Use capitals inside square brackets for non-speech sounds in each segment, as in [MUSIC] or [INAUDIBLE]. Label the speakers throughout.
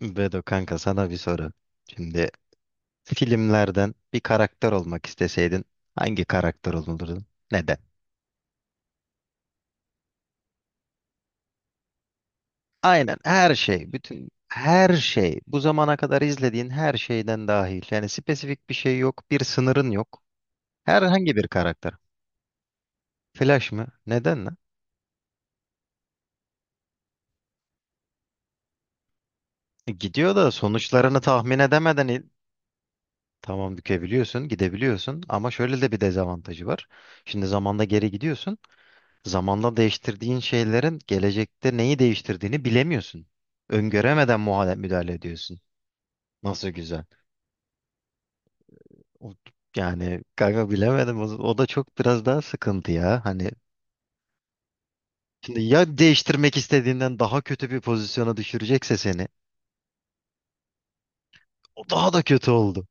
Speaker 1: Bedo kanka, sana bir soru. Şimdi filmlerden bir karakter olmak isteseydin hangi karakter olurdun? Neden? Aynen her şey, bütün her şey, bu zamana kadar izlediğin her şeyden dahil. Yani spesifik bir şey yok, bir sınırın yok. Herhangi bir karakter. Flash mı? Neden lan? Gidiyor da sonuçlarını tahmin edemeden tamam, bükebiliyorsun, gidebiliyorsun ama şöyle de bir dezavantajı var. Şimdi zamanda geri gidiyorsun. Zamanla değiştirdiğin şeylerin gelecekte neyi değiştirdiğini bilemiyorsun. Öngöremeden müdahale ediyorsun. Nasıl güzel. O- yani kanka, bilemedim. O da çok biraz daha sıkıntı ya. Hani şimdi ya değiştirmek istediğinden daha kötü bir pozisyona düşürecekse seni. O daha da kötü oldu.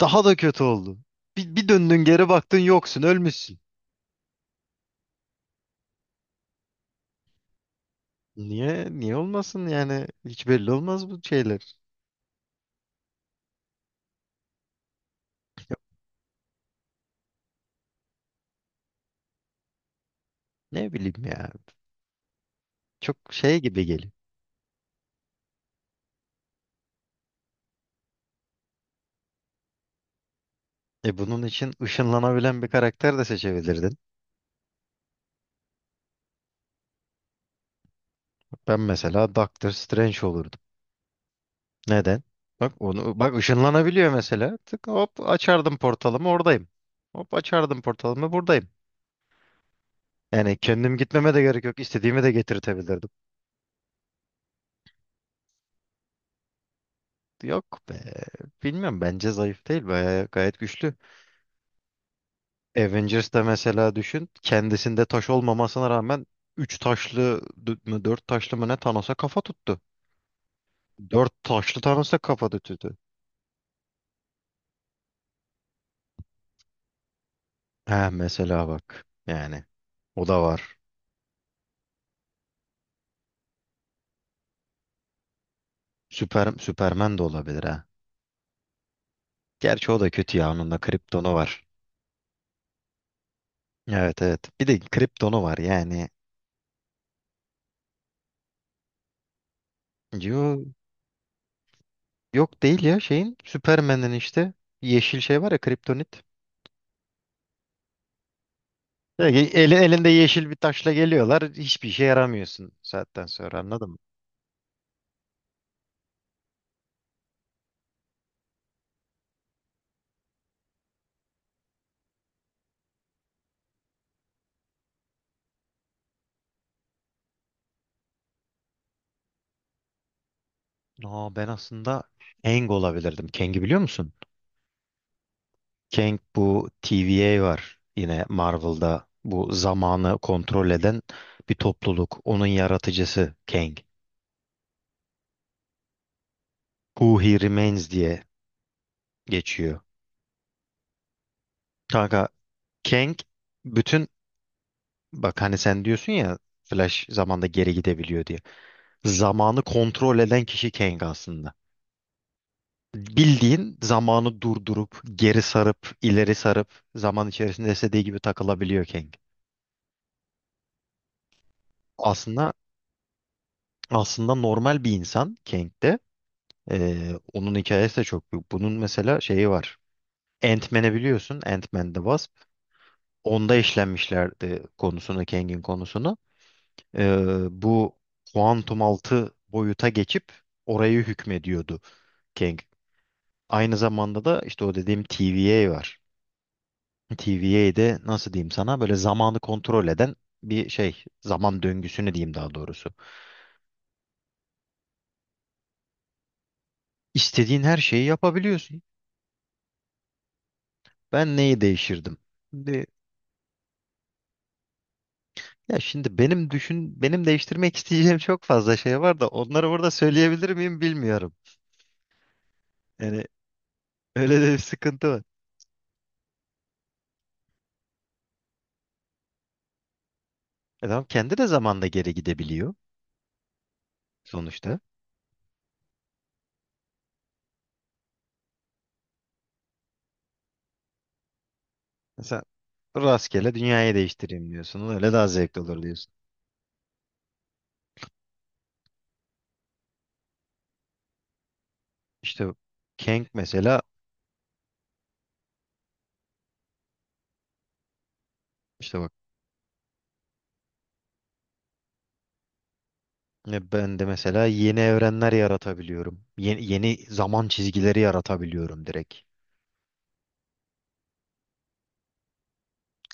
Speaker 1: Daha da kötü oldu. Bir döndün, geri baktın, yoksun, ölmüşsün. Niye? Niye olmasın yani? Hiç belli olmaz bu şeyler. Ne bileyim ya. Çok şey gibi geliyor. E bunun için ışınlanabilen bir karakter de seçebilirdin. Ben mesela Doctor Strange olurdum. Neden? Bak onu, bak ışınlanabiliyor mesela. Tık, hop açardım portalımı, oradayım. Hop açardım portalımı, buradayım. Yani kendim gitmeme de gerek yok. İstediğimi de getirtebilirdim. Yok be. Bilmiyorum, bence zayıf değil. Bayağı gayet güçlü. Avengers'da mesela düşün. Kendisinde taş olmamasına rağmen 3 taşlı d- mı 4 taşlı mı ne, Thanos'a kafa tuttu. 4 taşlı Thanos'a kafa tuttu. Ha mesela bak yani, o da var. Süper, Süperman de olabilir ha. Gerçi o da kötü ya, onun da kriptonu var. Evet, evet. Bir de kriptonu var yani. Yo, yok değil ya, şeyin Süpermen'in işte yeşil şey var ya, kriptonit. Eli, elinde yeşil bir taşla geliyorlar. Hiçbir işe yaramıyorsun saatten sonra, anladın mı? Aa, ben aslında Kang olabilirdim. Kang'i biliyor musun? Kang, bu TVA var yine Marvel'da, bu zamanı kontrol eden bir topluluk. Onun yaratıcısı Kang. Who He Remains diye geçiyor. Kanka, Kang bütün, bak hani sen diyorsun ya Flash zamanda geri gidebiliyor diye. Zamanı kontrol eden kişi Kang aslında. Bildiğin zamanı durdurup, geri sarıp, ileri sarıp zaman içerisinde istediği gibi takılabiliyor Kang. Aslında aslında normal bir insan Kang de. Onun hikayesi de çok büyük. Bunun mesela şeyi var. Ant-Man'i biliyorsun. Ant-Man The Wasp. Onda işlenmişlerdi konusunu, Kang'in konusunu. Bu kuantum altı boyuta geçip orayı hükmediyordu Kang. Aynı zamanda da işte o dediğim TVA var. TVA'de, nasıl diyeyim sana, böyle zamanı kontrol eden bir şey. Zaman döngüsünü diyeyim daha doğrusu. İstediğin her şeyi yapabiliyorsun. Ben neyi değişirdim? Ya şimdi benim, düşün benim değiştirmek isteyeceğim çok fazla şey var da onları burada söyleyebilir miyim bilmiyorum. Yani öyle de bir sıkıntı var. Adam kendi de zamanda geri gidebiliyor sonuçta. Sen rastgele dünyayı değiştireyim diyorsun. Öyle daha zevkli olur diyorsun. İşte Kang mesela, işte bak ya, ben de mesela yeni evrenler yaratabiliyorum. Yeni zaman çizgileri yaratabiliyorum direkt.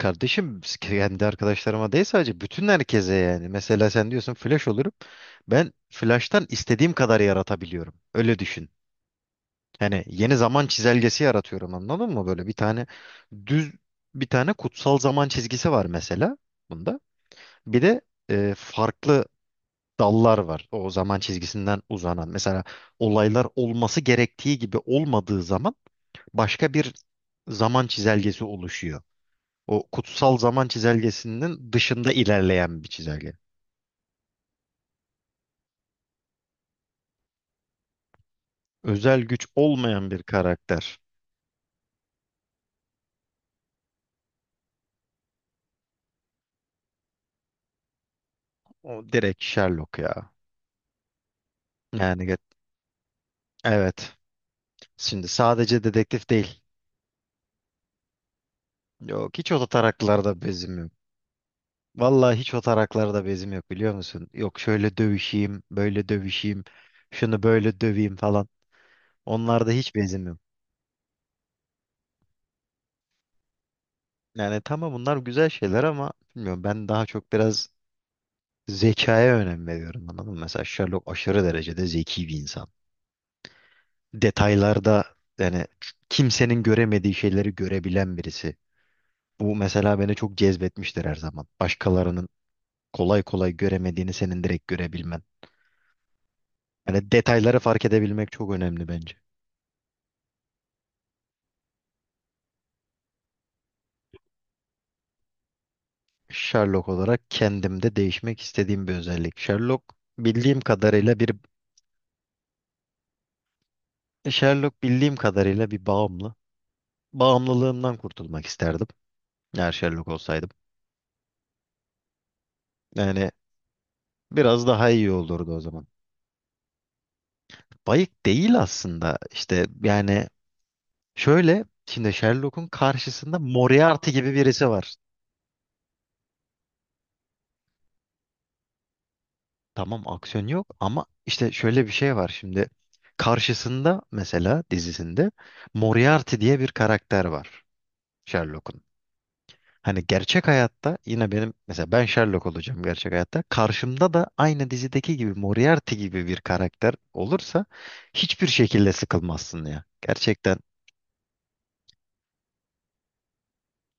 Speaker 1: Kardeşim kendi arkadaşlarıma değil, sadece bütün herkese yani. Mesela sen diyorsun flash olurum. Ben flash'tan istediğim kadar yaratabiliyorum. Öyle düşün. Hani yeni zaman çizelgesi yaratıyorum, anladın mı? Böyle bir tane düz bir tane kutsal zaman çizgisi var mesela bunda. Bir de farklı dallar var, o zaman çizgisinden uzanan. Mesela olaylar olması gerektiği gibi olmadığı zaman başka bir zaman çizelgesi oluşuyor. O kutsal zaman çizelgesinin dışında ilerleyen bir çizelge. Özel güç olmayan bir karakter. O direkt Sherlock ya. Yani ge- evet. Şimdi sadece dedektif değil. Yok, hiç o taraklarda bezim yok. Vallahi hiç o taraklarda bezim yok, biliyor musun? Yok şöyle dövüşeyim, böyle dövüşeyim, şunu böyle döveyim falan. Onlarda hiç bezim yok. Yani tamam, bunlar güzel şeyler ama bilmiyorum, ben daha çok biraz zekaya önem veriyorum, anladın mı? Mesela Sherlock aşırı derecede zeki bir insan. Detaylarda yani kimsenin göremediği şeyleri görebilen birisi. Bu mesela beni çok cezbetmiştir her zaman. Başkalarının kolay kolay göremediğini senin direkt görebilmen. Yani detayları fark edebilmek çok önemli bence. Sherlock olarak kendimde değişmek istediğim bir özellik. Bildiğim kadarıyla bir Sherlock bildiğim kadarıyla bir bağımlı. Bağımlılığımdan kurtulmak isterdim. Eğer Sherlock olsaydım. Yani biraz daha iyi olurdu o zaman. Bayık değil aslında. İşte yani, şöyle şimdi Sherlock'un karşısında Moriarty gibi birisi var. Tamam aksiyon yok, ama işte şöyle bir şey var şimdi. Karşısında mesela dizisinde Moriarty diye bir karakter var Sherlock'un. Hani gerçek hayatta yine benim mesela, ben Sherlock olacağım gerçek hayatta. Karşımda da aynı dizideki gibi Moriarty gibi bir karakter olursa hiçbir şekilde sıkılmazsın ya. Gerçekten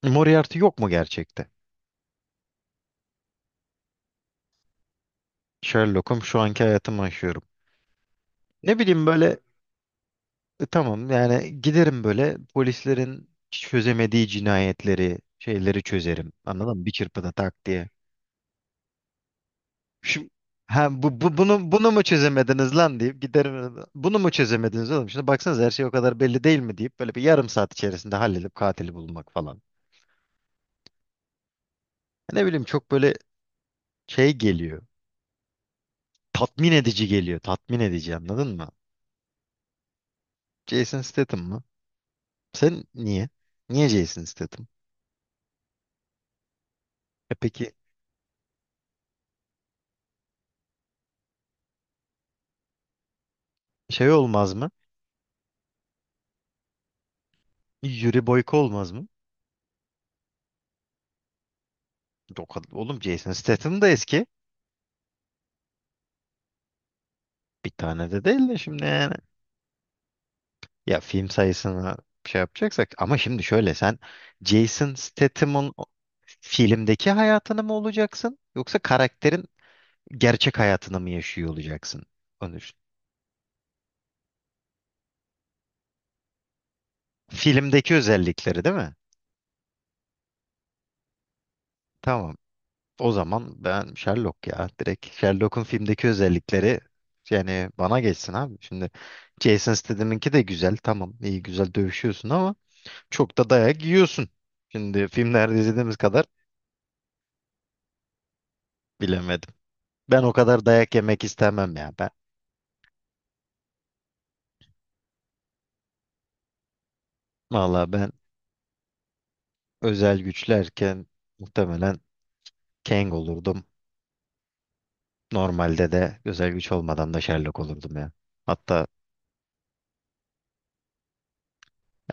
Speaker 1: Moriarty yok mu gerçekte? Sherlock'um, şu anki hayatımı yaşıyorum. Ne bileyim böyle tamam, yani giderim, böyle polislerin çözemediği cinayetleri, şeyleri çözerim. Anladın mı? Bir çırpıda tak diye. Şimdi ha, bu, bu bunu, mu çözemediniz lan deyip giderim. Bunu mu çözemediniz oğlum? Şimdi baksanız her şey o kadar belli değil mi, deyip böyle bir yarım saat içerisinde halledip katili bulmak falan. Ne bileyim çok böyle şey geliyor. Tatmin edici geliyor. Tatmin edici, anladın mı? Jason Statham mı? Sen niye? Niye Jason Statham? E peki şey olmaz mı? Yuri Boyko olmaz mı? O, oğlum Jason Statham da eski. Bir tane de değil de şimdi yani. Ya film sayısını şey yapacaksak, ama şimdi şöyle, sen Jason Statham'ın filmdeki hayatını mı olacaksın yoksa karakterin gerçek hayatını mı yaşıyor olacaksın? Onu düşün. Filmdeki özellikleri değil mi? Tamam. O zaman ben Sherlock ya. Direkt Sherlock'un filmdeki özellikleri yani bana geçsin abi. Şimdi Jason Statham'ınki de güzel. Tamam iyi, güzel dövüşüyorsun ama çok da dayak yiyorsun. Şimdi filmlerde izlediğimiz kadar bilemedim. Ben o kadar dayak yemek istemem ya ben. Valla ben özel güçlerken muhtemelen Kang olurdum. Normalde de özel güç olmadan da Sherlock olurdum ya. Hatta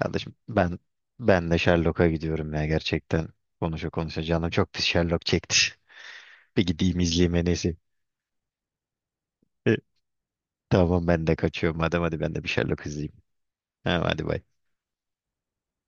Speaker 1: kardeşim, ben de Sherlock'a gidiyorum ya gerçekten. Konuşa konuşa canım çok pis Sherlock çekti. [LAUGHS] Bir gideyim izleyeyim en iyisi. E, Tamam, ben de kaçıyorum. Madem hadi ben de bir Sherlock izleyeyim. Ha, hadi bay.